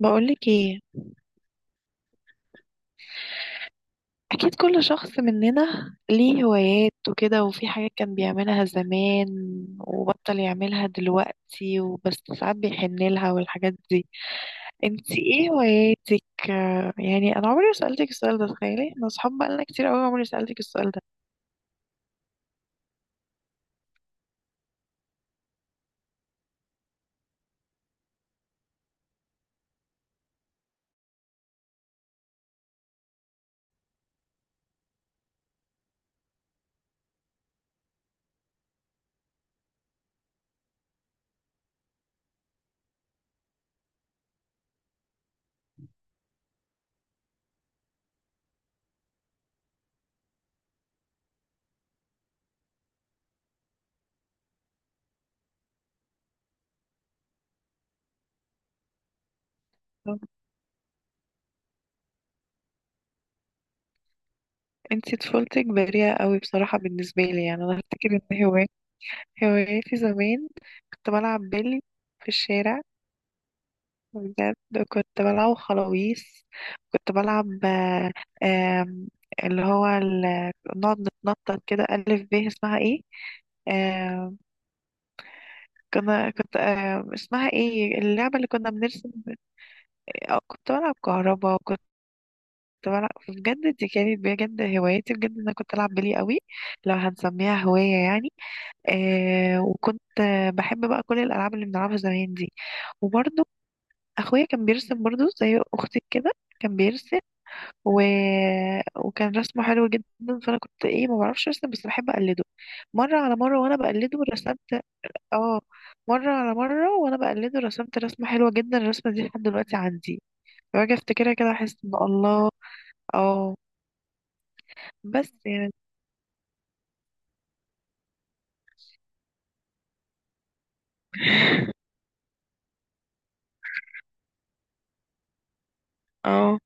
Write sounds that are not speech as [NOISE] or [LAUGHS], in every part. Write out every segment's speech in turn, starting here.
بقولك ايه، اكيد كل شخص مننا ليه هوايات وكده، وفي حاجات كان بيعملها زمان وبطل يعملها دلوقتي، وبس ساعات بيحن لها والحاجات دي. انتي ايه هواياتك؟ يعني انا عمري ما سألتك السؤال ده. تخيلي، انا اصحاب بقالنا كتير قوي، عمري ما سألتك السؤال ده. انتي طفولتك بريئة قوي بصراحة، بالنسبة لي يعني انا افتكر ان هواياتي زمان كنت بلعب بيلي في الشارع، بجد. كنت بلعب خلاويص، كنت بلعب آه، آم، اللي هو نقعد نتنطط كده ألف ب، اسمها ايه؟ آه، كنت اسمها ايه اللعبة اللي كنا بنرسم؟ كنت بلعب كهربا، وكنت بلعب بجد، دي كانت بجد هوايتي بجد، انا كنت العب بلي قوي لو هنسميها هواية يعني. وكنت بحب بقى كل الالعاب اللي بنلعبها زمان دي. وبرضه اخويا كان بيرسم برضه زي اختي كده، كان بيرسم و... وكان رسمه حلو جدا. فانا كنت ايه، ما بعرفش ارسم بس بحب اقلده مره على مره، وانا بقلده رسمت. اه، مره على مره وانا بقلده رسمت رسمه حلوه جدا، الرسمه دي لحد دلوقتي عندي. باجي افتكرها كده احس ان الله. اه، بس يعني اه.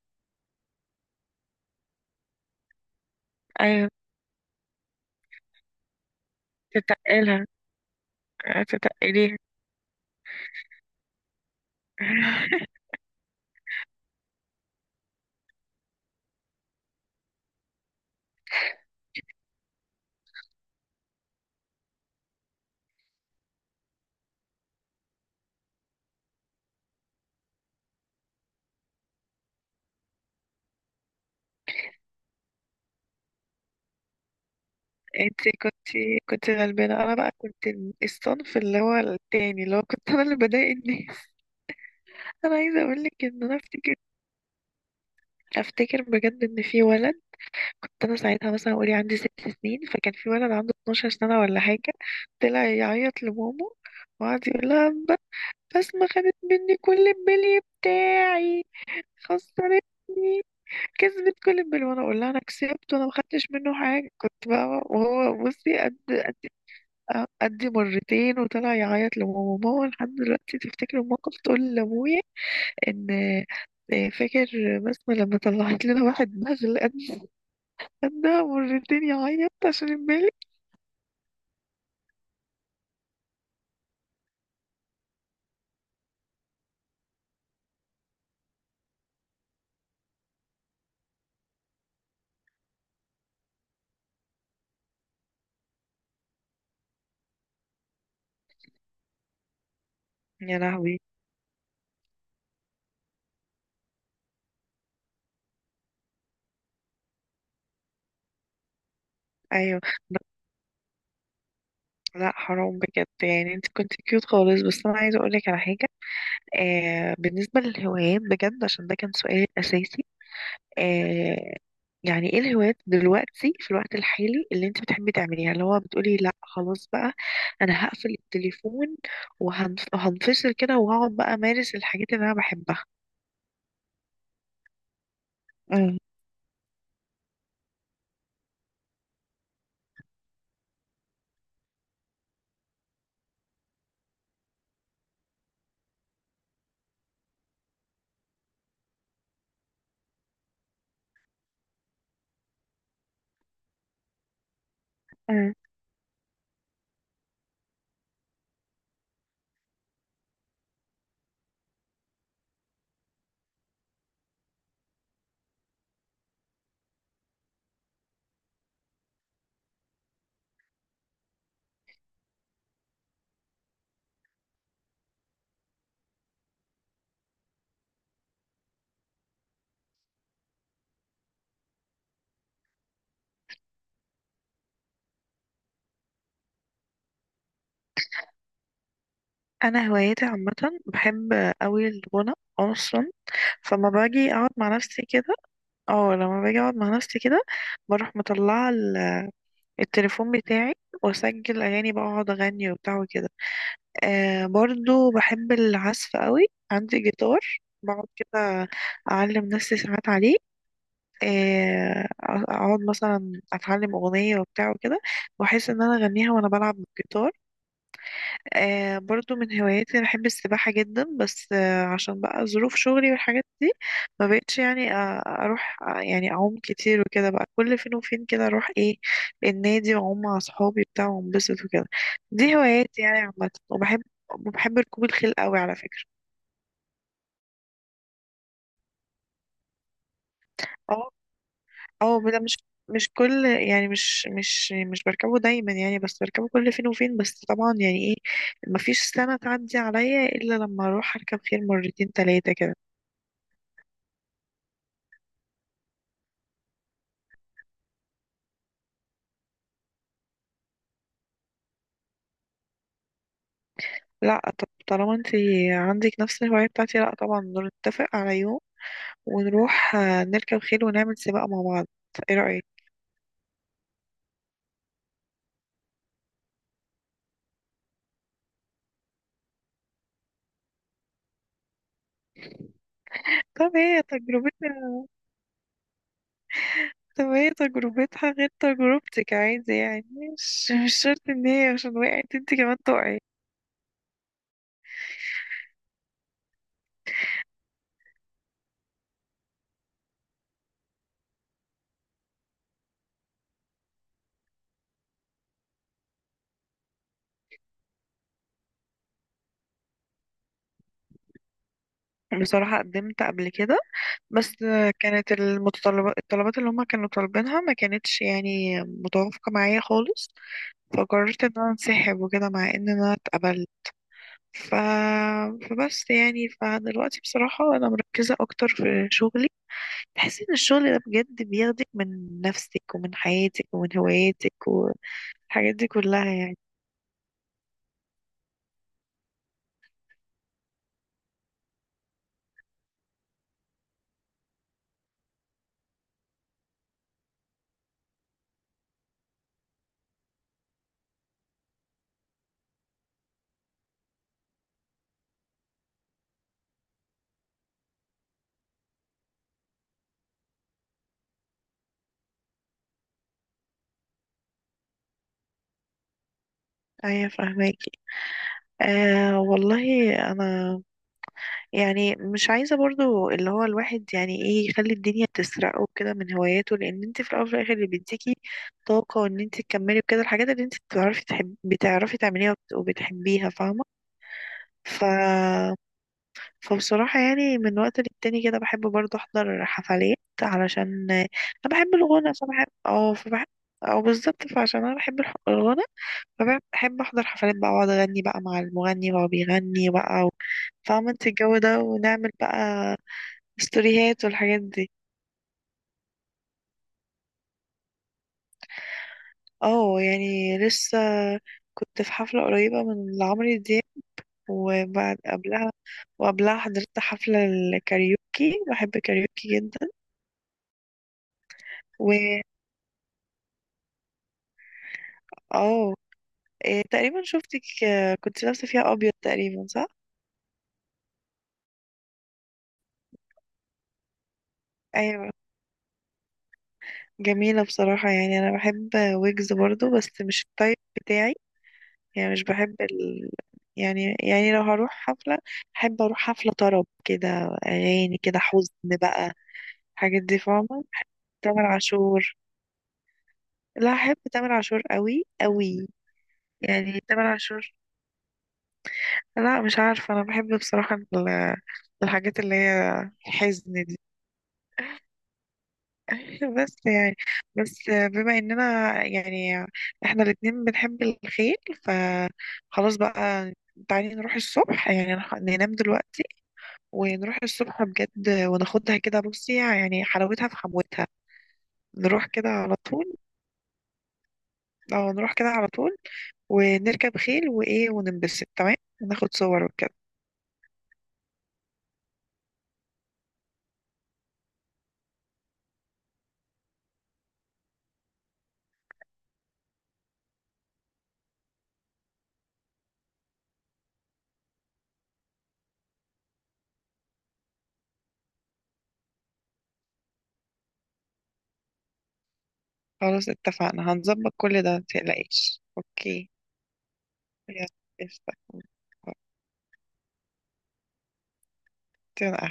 ايوه، تتقلها، تتقليها. [LAUGHS] انت كنت غلبانه، انا بقى كنت الصنف اللي هو التاني، اللي هو كنت انا اللي بضايق الناس. [LAUGHS] انا عايزه اقول لك ان انا افتكر بجد ان في ولد. كنت انا ساعتها مثلا، قولي عندي 6 سنين، فكان في ولد عنده 12 سنة ولا حاجة. طلع يعيط لماما وقعد يقول لها، بسمة خدت مني كل البلي بتاعي، خسرتني، كسبت كل البلي. وانا اقول لها انا كسبت وانا ما خدتش منه حاجة. كنت بقى وهو بصي قد قد قد مرتين، وطلع يعيط لماما. ماما لحد دلوقتي تفتكر الموقف تقول لابويا ان فاكر بسمة لما طلعت لنا واحد بغل، خدها مرتين يعيط عشان البالي. يا لهوي. ايوه، بس لا حرام بجد، يعني انت كنت كيوت خالص. بس انا عايزه اقول لك على حاجه. آه، بالنسبه للهوايات بجد، عشان ده كان سؤال اساسي. آه، يعني ايه الهوايات دلوقتي في الوقت الحالي اللي انت بتحبي تعمليها، اللي هو بتقولي لا خلاص بقى، انا هقفل التليفون وهنفصل كده، وهقعد بقى امارس الحاجات اللي انا بحبها. مم. أمم. انا هواياتي عامه، بحب قوي الغنى اصلا. فلما باجي اقعد مع نفسي كده، اه لما باجي اقعد مع نفسي كده بروح مطلعه التليفون بتاعي، واسجل اغاني، بقى اقعد اغني وبتاع وكده. آه، برضو بحب العزف قوي. عندي جيتار بقعد كده اعلم نفسي ساعات عليه. آه، اقعد مثلا اتعلم اغنيه وبتاع وكده، واحس ان انا اغنيها وانا بلعب بالجيتار. آه، برضو من هواياتي أنا بحب السباحة جدا. بس عشان بقى ظروف شغلي والحاجات دي، ما بقتش يعني أروح يعني أعوم كتير وكده. بقى كل فين وفين كده أروح إيه، النادي، وأعوم مع صحابي بتاع وأنبسط وكده. دي هواياتي يعني عامة، وبحب ركوب الخيل قوي على فكرة. اه. اه، ده مش كل يعني، مش بركبه دايما يعني، بس بركبه كل فين وفين. بس طبعا يعني ايه، مفيش سنة تعدي عليا إلا لما أروح أركب خيل مرتين تلاتة كده. لا، طب طالما انت عندك نفس الهواية بتاعتي، لا طبعا، نتفق على يوم ونروح نركب خيل ونعمل سباق مع بعض. ايه رأيك؟ طب هي تجربتنا طب هي تجربتها غير تجربتك عادي يعني، مش شرط ان هي عشان وقعت انت كمان تقعي. بصراحة قدمت قبل كده، بس كانت الطلبات اللي هما كانوا طالبينها ما كانتش يعني متوافقة معايا خالص. فقررت ان انا انسحب وكده مع ان انا اتقبلت. ف... فبس يعني، فدلوقتي بصراحة أنا مركزة أكتر في شغلي. تحس إن الشغل ده بجد بياخدك من نفسك ومن حياتك ومن هواياتك والحاجات دي كلها يعني. أيوة فاهماكي. آه، والله أنا يعني مش عايزة برضو اللي هو الواحد يعني إيه، يخلي الدنيا تسرقه كده من هواياته. لأن أنت في الأول وفي الآخر اللي بيديكي طاقة وإن أنت تكملي وكده الحاجات اللي أنت بتعرفي بتعرفي تعمليها وبتحبيها، فاهمة. ف فبصراحة يعني من وقت للتاني كده بحب برضه أحضر حفلات علشان أنا بحب الغنى. فبحب أو بالظبط، فعشان أنا بحب الغنى، فبحب أحضر حفلات بقى وأقعد أغني بقى مع المغني وهو بيغني بقى. فاهمة انت الجو ده، ونعمل بقى ستوريهات والحاجات دي. اه، يعني لسه كنت في حفلة قريبة من لعمرو دياب. وبعد قبلها وقبلها حضرت حفلة الكاريوكي، بحب الكاريوكي جدا. و اه، إيه تقريبا شفتك، كنت لابسة فيها أبيض تقريبا، صح؟ أيوة، جميلة بصراحة. يعني أنا بحب ويجز برضو، بس مش التايب بتاعي. يعني مش بحب يعني لو هروح حفلة، أحب أروح حفلة طرب كده، أغاني كده حزن بقى، الحاجات دي، فاهمة، بحب تامر عاشور. لا، أحب تامر عاشور قوي قوي، يعني تامر عاشور. لا مش عارفة، أنا بحب بصراحة الحاجات اللي هي الحزن. [LAUGHS] بس يعني، بس بما اننا يعني احنا الاتنين بنحب الخيل، فخلاص بقى، تعالي نروح الصبح، يعني ننام دلوقتي ونروح الصبح بجد وناخدها كده، بصي يعني حلاوتها في حموتها. نروح كده على طول، اه نروح كده على طول ونركب خيل وايه، وننبسط تمام، وناخد صور وكده. خلاص اتفقنا، هنظبط كل ده متقلقيش، اوكي. يلا، قشطة. يلا.